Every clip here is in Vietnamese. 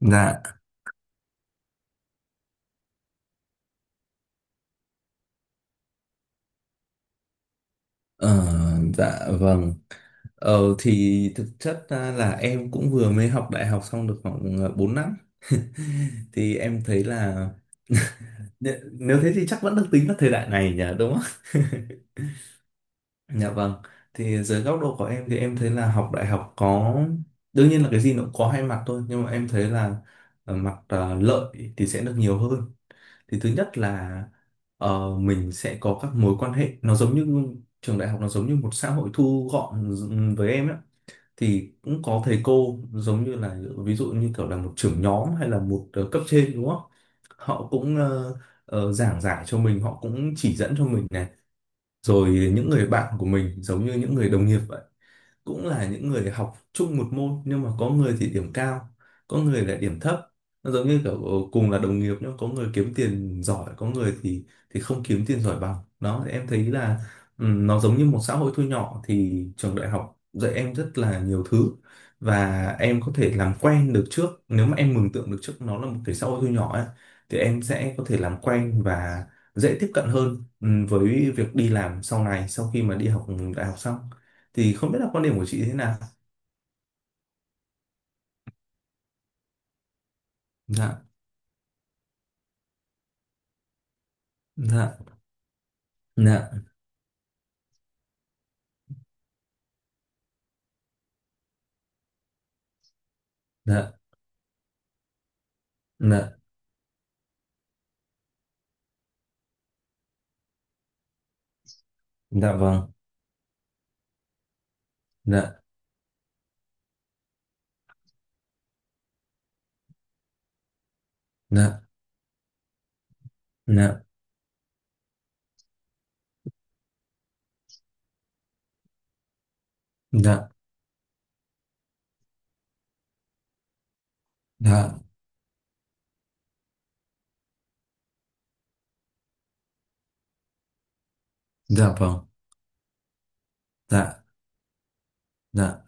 Dạ, ờ, dạ vâng. Thì thực chất ra là em cũng vừa mới học đại học xong được khoảng 4 năm. Thì em thấy là nếu thế thì chắc vẫn được tính là thời đại này nhỉ, đúng không? Dạ vâng. Thì dưới góc độ của em thì em thấy là học đại học có, đương nhiên là cái gì nó cũng có hai mặt thôi, nhưng mà em thấy là mặt lợi thì sẽ được nhiều hơn. Thì thứ nhất là mình sẽ có các mối quan hệ, nó giống như trường đại học nó giống như một xã hội thu gọn với em ấy, thì cũng có thầy cô giống như là ví dụ như kiểu là một trưởng nhóm hay là một cấp trên đúng không, họ cũng giảng giải cho mình, họ cũng chỉ dẫn cho mình này, rồi những người bạn của mình giống như những người đồng nghiệp vậy, cũng là những người học chung một môn nhưng mà có người thì điểm cao có người lại điểm thấp, nó giống như kiểu cùng là đồng nghiệp nhưng có người kiếm tiền giỏi có người thì không kiếm tiền giỏi bằng. Đó thì em thấy là nó giống như một xã hội thu nhỏ, thì trường đại học dạy em rất là nhiều thứ, và em có thể làm quen được trước, nếu mà em mường tượng được trước nó là một cái xã hội thu nhỏ ấy thì em sẽ có thể làm quen và dễ tiếp cận hơn với việc đi làm sau này sau khi mà đi học đại học xong. Thì không biết là quan điểm của chị thế nào. Dạ. Dạ. Dạ. Dạ. Dạ. Dạ vâng. Dạ. Dạ. Dạ. Dạ. Dạ. Dạ vâng. Dạ. Dạ.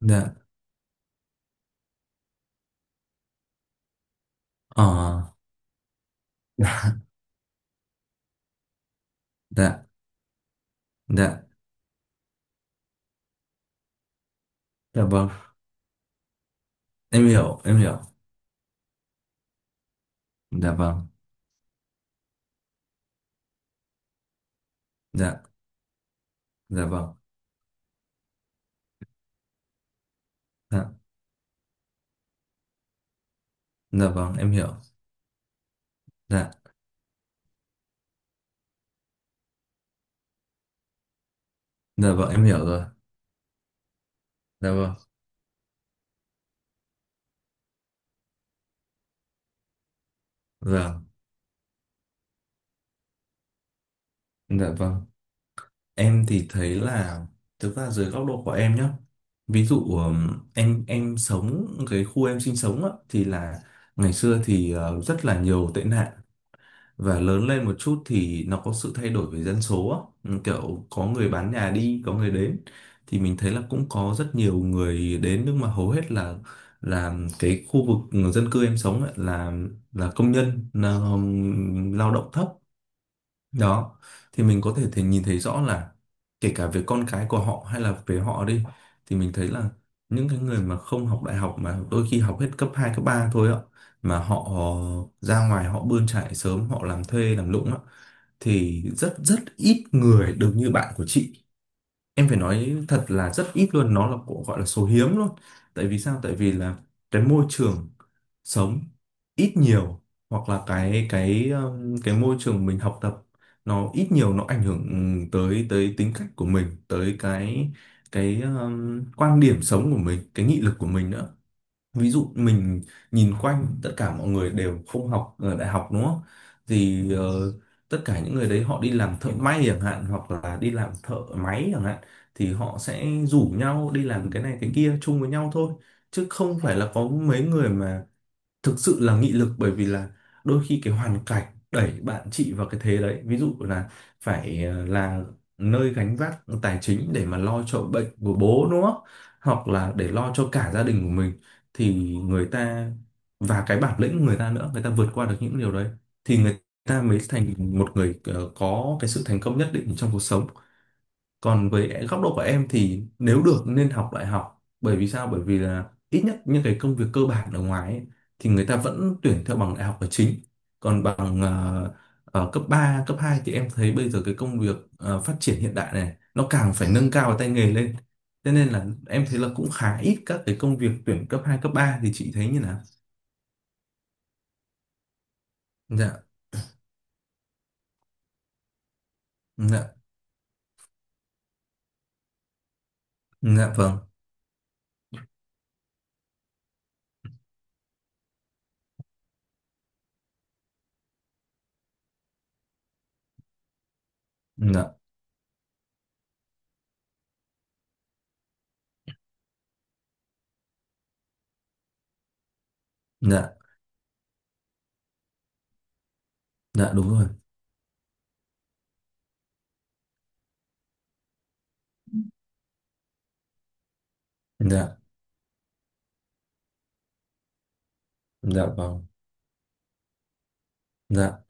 Dạ. Ờ. Dạ. Dạ. Dạ. Dạ vâng em hiểu em hiểu. Dạ vâng. Dạ. Dạ vâng. Dạ. Dạ vâng em hiểu. Dạ. Dạ vâng em hiểu rồi. Dạ vâng. Dạ. Dạ vâng. Em thì thấy là thực ra dưới góc độ của em nhé. Ví dụ em sống cái khu em sinh sống á, thì là ngày xưa thì rất là nhiều tệ nạn, và lớn lên một chút thì nó có sự thay đổi về dân số á. Ừ, kiểu có người bán nhà đi có người đến, thì mình thấy là cũng có rất nhiều người đến, nhưng mà hầu hết là cái khu vực dân cư em sống ấy là công nhân là, lao động thấp đó. Thì mình có thể thể nhìn thấy rõ là kể cả về con cái của họ hay là về họ đi, thì mình thấy là những cái người mà không học đại học mà đôi khi học hết cấp 2 cấp 3 thôi ạ, mà họ ra ngoài họ bươn chải sớm họ làm thuê làm lụng á, thì rất rất ít người được như bạn của chị. Em phải nói thật là rất ít luôn, nó là của gọi là số hiếm luôn. Tại vì sao, tại vì là cái môi trường sống ít nhiều, hoặc là cái môi trường mình học tập, nó ít nhiều nó ảnh hưởng tới tới tính cách của mình, tới cái quan điểm sống của mình, cái nghị lực của mình nữa. Ví dụ mình nhìn quanh tất cả mọi người đều không học ở đại học đúng không, thì tất cả những người đấy họ đi làm thợ may chẳng hạn, hoặc là đi làm thợ máy chẳng hạn, thì họ sẽ rủ nhau đi làm cái này cái kia chung với nhau thôi, chứ không phải là có mấy người mà thực sự là nghị lực. Bởi vì là đôi khi cái hoàn cảnh đẩy bạn chị vào cái thế đấy, ví dụ là phải là nơi gánh vác tài chính để mà lo cho bệnh của bố đúng không, hoặc là để lo cho cả gia đình của mình, thì người ta, và cái bản lĩnh của người ta nữa, người ta vượt qua được những điều đấy, thì người ta mới thành một người có cái sự thành công nhất định trong cuộc sống. Còn với góc độ của em thì nếu được nên học đại học, bởi vì sao, bởi vì là ít nhất những cái công việc cơ bản ở ngoài ấy, thì người ta vẫn tuyển theo bằng đại học là chính, còn bằng cấp 3 cấp 2 thì em thấy bây giờ cái công việc phát triển hiện đại này nó càng phải nâng cao cái tay nghề lên. Thế nên là em thấy là cũng khá ít các cái công việc tuyển cấp hai cấp ba. Thì chị thấy như nào. Dạ. Dạ. Dạ vâng. Dạ. Dạ. Dạ đúng rồi. Dạ. Dạ vâng. Dạ.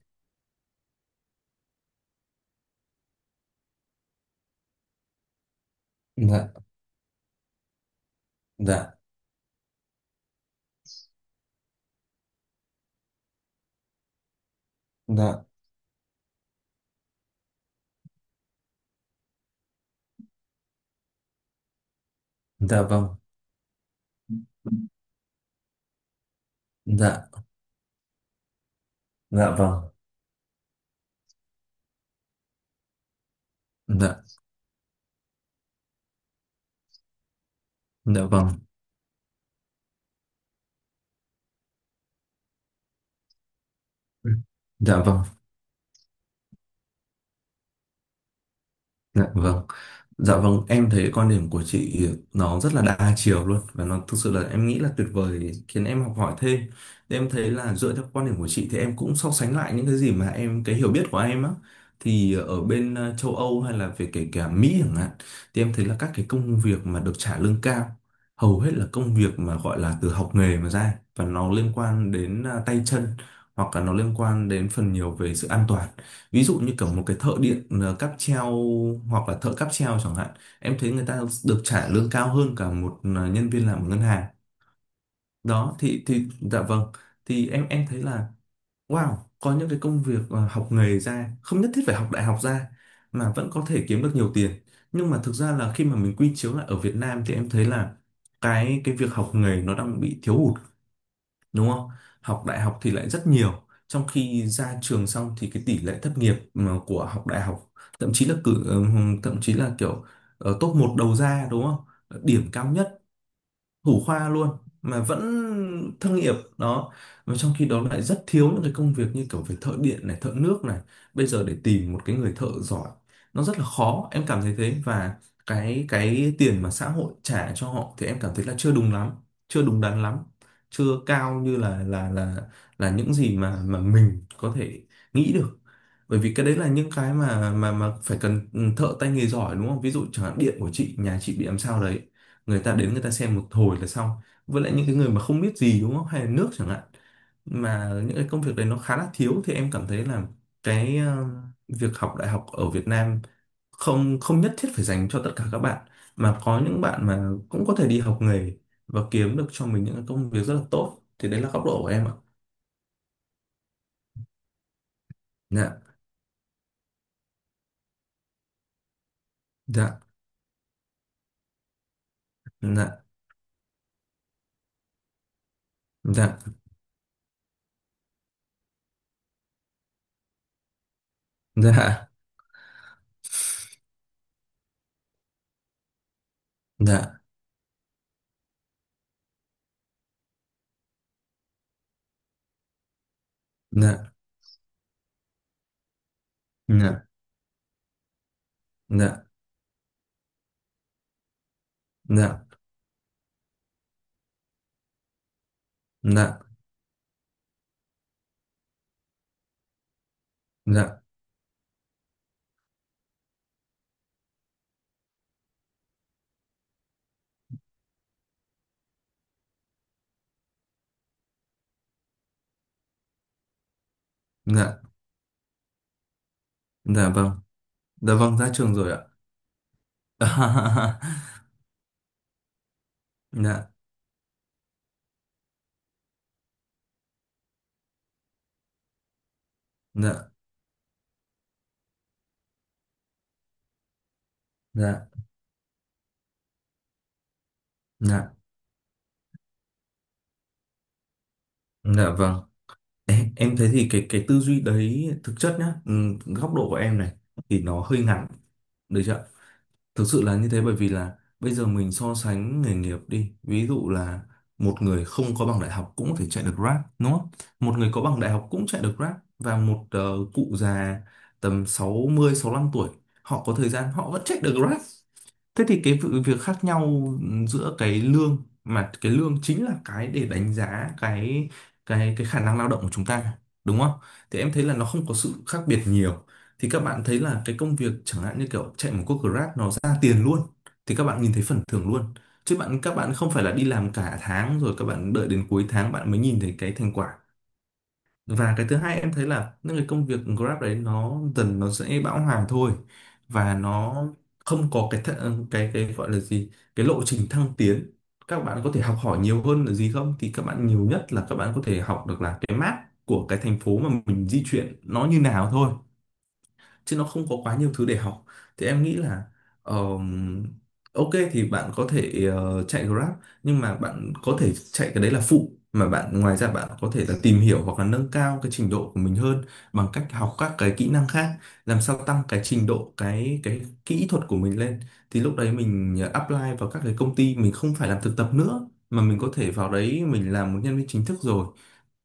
Dạ. Dạ. Dạ. Dạ vâng. Dạ. Dạ vâng. Dạ. Dạ vâng. Dạ vâng. Dạ vâng. Dạ vâng, em thấy quan điểm của chị nó rất là đa chiều luôn và nó thực sự là em nghĩ là tuyệt vời, khiến em học hỏi thêm. Thì em thấy là dựa theo quan điểm của chị thì em cũng so sánh lại những cái gì mà em, cái hiểu biết của em á, thì ở bên châu Âu hay là về kể cả Mỹ chẳng hạn, thì em thấy là các cái công việc mà được trả lương cao hầu hết là công việc mà gọi là từ học nghề mà ra, và nó liên quan đến tay chân, hoặc là nó liên quan đến phần nhiều về sự an toàn. Ví dụ như kiểu một cái thợ điện cáp treo, hoặc là thợ cáp treo chẳng hạn, em thấy người ta được trả lương cao hơn cả một nhân viên làm ở ngân hàng. Đó thì dạ vâng. Thì em thấy là wow, có những cái công việc học nghề ra không nhất thiết phải học đại học ra mà vẫn có thể kiếm được nhiều tiền. Nhưng mà thực ra là khi mà mình quy chiếu lại ở Việt Nam thì em thấy là cái việc học nghề nó đang bị thiếu hụt, đúng không? Học đại học thì lại rất nhiều, trong khi ra trường xong thì cái tỷ lệ thất nghiệp mà của học đại học, thậm chí là thậm chí là kiểu top một đầu ra, đúng không? Điểm cao nhất, thủ khoa luôn mà vẫn thất nghiệp đó. Và trong khi đó lại rất thiếu những cái công việc như kiểu về thợ điện này thợ nước này. Bây giờ để tìm một cái người thợ giỏi nó rất là khó, em cảm thấy thế. Và cái tiền mà xã hội trả cho họ thì em cảm thấy là chưa đúng lắm, chưa đúng đắn lắm, chưa cao như là là những gì mà mình có thể nghĩ được. Bởi vì cái đấy là những cái mà mà phải cần thợ tay nghề giỏi đúng không, ví dụ chẳng hạn điện của chị, nhà chị bị làm sao đấy, người ta đến người ta xem một hồi là xong, với lại những cái người mà không biết gì đúng không, hay là nước chẳng hạn, mà những cái công việc đấy nó khá là thiếu. Thì em cảm thấy là cái việc học đại học ở Việt Nam không không nhất thiết phải dành cho tất cả các bạn, mà có những bạn mà cũng có thể đi học nghề và kiếm được cho mình những cái công việc rất là tốt. Thì đấy là góc độ của em ạ. Dạ. Dạ. Dạ. Dạ. Dạ. Dạ. Dạ. Dạ. Dạ. Dạ. Dạ. Dạ. Dạ. Dạ vâng. Dạ vâng ra trường rồi ạ. À, Dạ. Dạ. Dạ. Dạ. Dạ vâng. Em thấy thì cái tư duy đấy thực chất nhá, góc độ của em này thì nó hơi ngắn, được chưa. Thực sự là như thế, bởi vì là bây giờ mình so sánh nghề nghiệp đi, ví dụ là một người không có bằng đại học cũng có thể chạy được Grab đúng không, một người có bằng đại học cũng chạy được Grab, và một cụ già tầm sáu mươi sáu 65 tuổi, họ có thời gian họ vẫn chạy được Grab. Thế thì việc khác nhau giữa cái lương, mà cái lương chính là cái để đánh giá cái khả năng lao động của chúng ta, đúng không? Thì em thấy là nó không có sự khác biệt nhiều. Thì các bạn thấy là cái công việc chẳng hạn như kiểu chạy một cuộc Grab nó ra tiền luôn, thì các bạn nhìn thấy phần thưởng luôn. Chứ các bạn không phải là đi làm cả tháng rồi các bạn đợi đến cuối tháng bạn mới nhìn thấy cái thành quả. Và cái thứ hai em thấy là những cái công việc Grab đấy nó dần nó sẽ bão hòa thôi, và nó không có cái gọi là gì, cái lộ trình thăng tiến. Các bạn có thể học hỏi nhiều hơn là gì không, thì các bạn nhiều nhất là các bạn có thể học được là cái map của cái thành phố mà mình di chuyển nó như nào thôi, chứ nó không có quá nhiều thứ để học. Thì em nghĩ là ờm, ok thì bạn có thể chạy Grab, nhưng mà bạn có thể chạy cái đấy là phụ, mà bạn ngoài ra bạn có thể là tìm hiểu hoặc là nâng cao cái trình độ của mình hơn bằng cách học các cái kỹ năng khác, làm sao tăng cái trình độ cái kỹ thuật của mình lên, thì lúc đấy mình apply vào các cái công ty, mình không phải làm thực tập nữa mà mình có thể vào đấy mình làm một nhân viên chính thức rồi,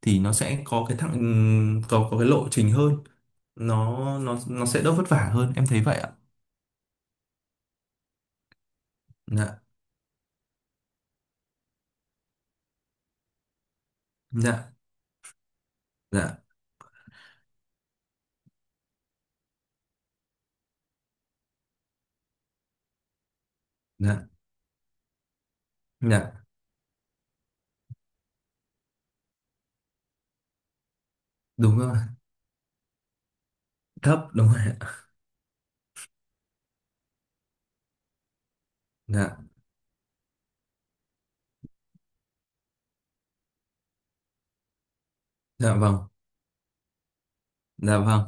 thì nó sẽ có cái thặng có cái lộ trình hơn, nó sẽ đỡ vất vả hơn. Em thấy vậy ạ. Dạ. Dạ. Dạ. Dạ. Dạ đúng rồi. Thấp đúng rồi ạ. Dạ. Dạ vâng. Dạ vâng.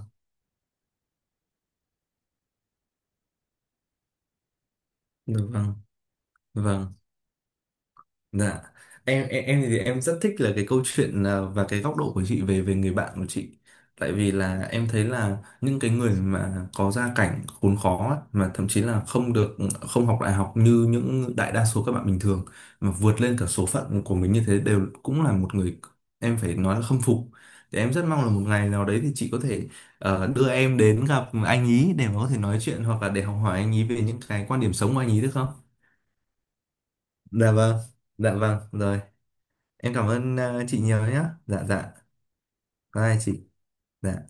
Dạ vâng. Dạ vâng. Dạ. Em thì em rất thích là cái câu chuyện à, và cái góc độ của chị về về người bạn của chị. Tại vì là em thấy là những cái người mà có gia cảnh khốn khó ấy, mà thậm chí là không được, không học đại học như những đại đa số các bạn bình thường, mà vượt lên cả số phận của mình như thế, đều cũng là một người em phải nói là khâm phục. Thì em rất mong là một ngày nào đấy thì chị có thể đưa em đến gặp anh ý để mà có thể nói chuyện hoặc là để học hỏi anh ý về những cái quan điểm sống của anh ý được không? Dạ vâng, dạ vâng, rồi. Em cảm ơn chị nhiều nhé. Dạ dạ. Bye chị. Dạ.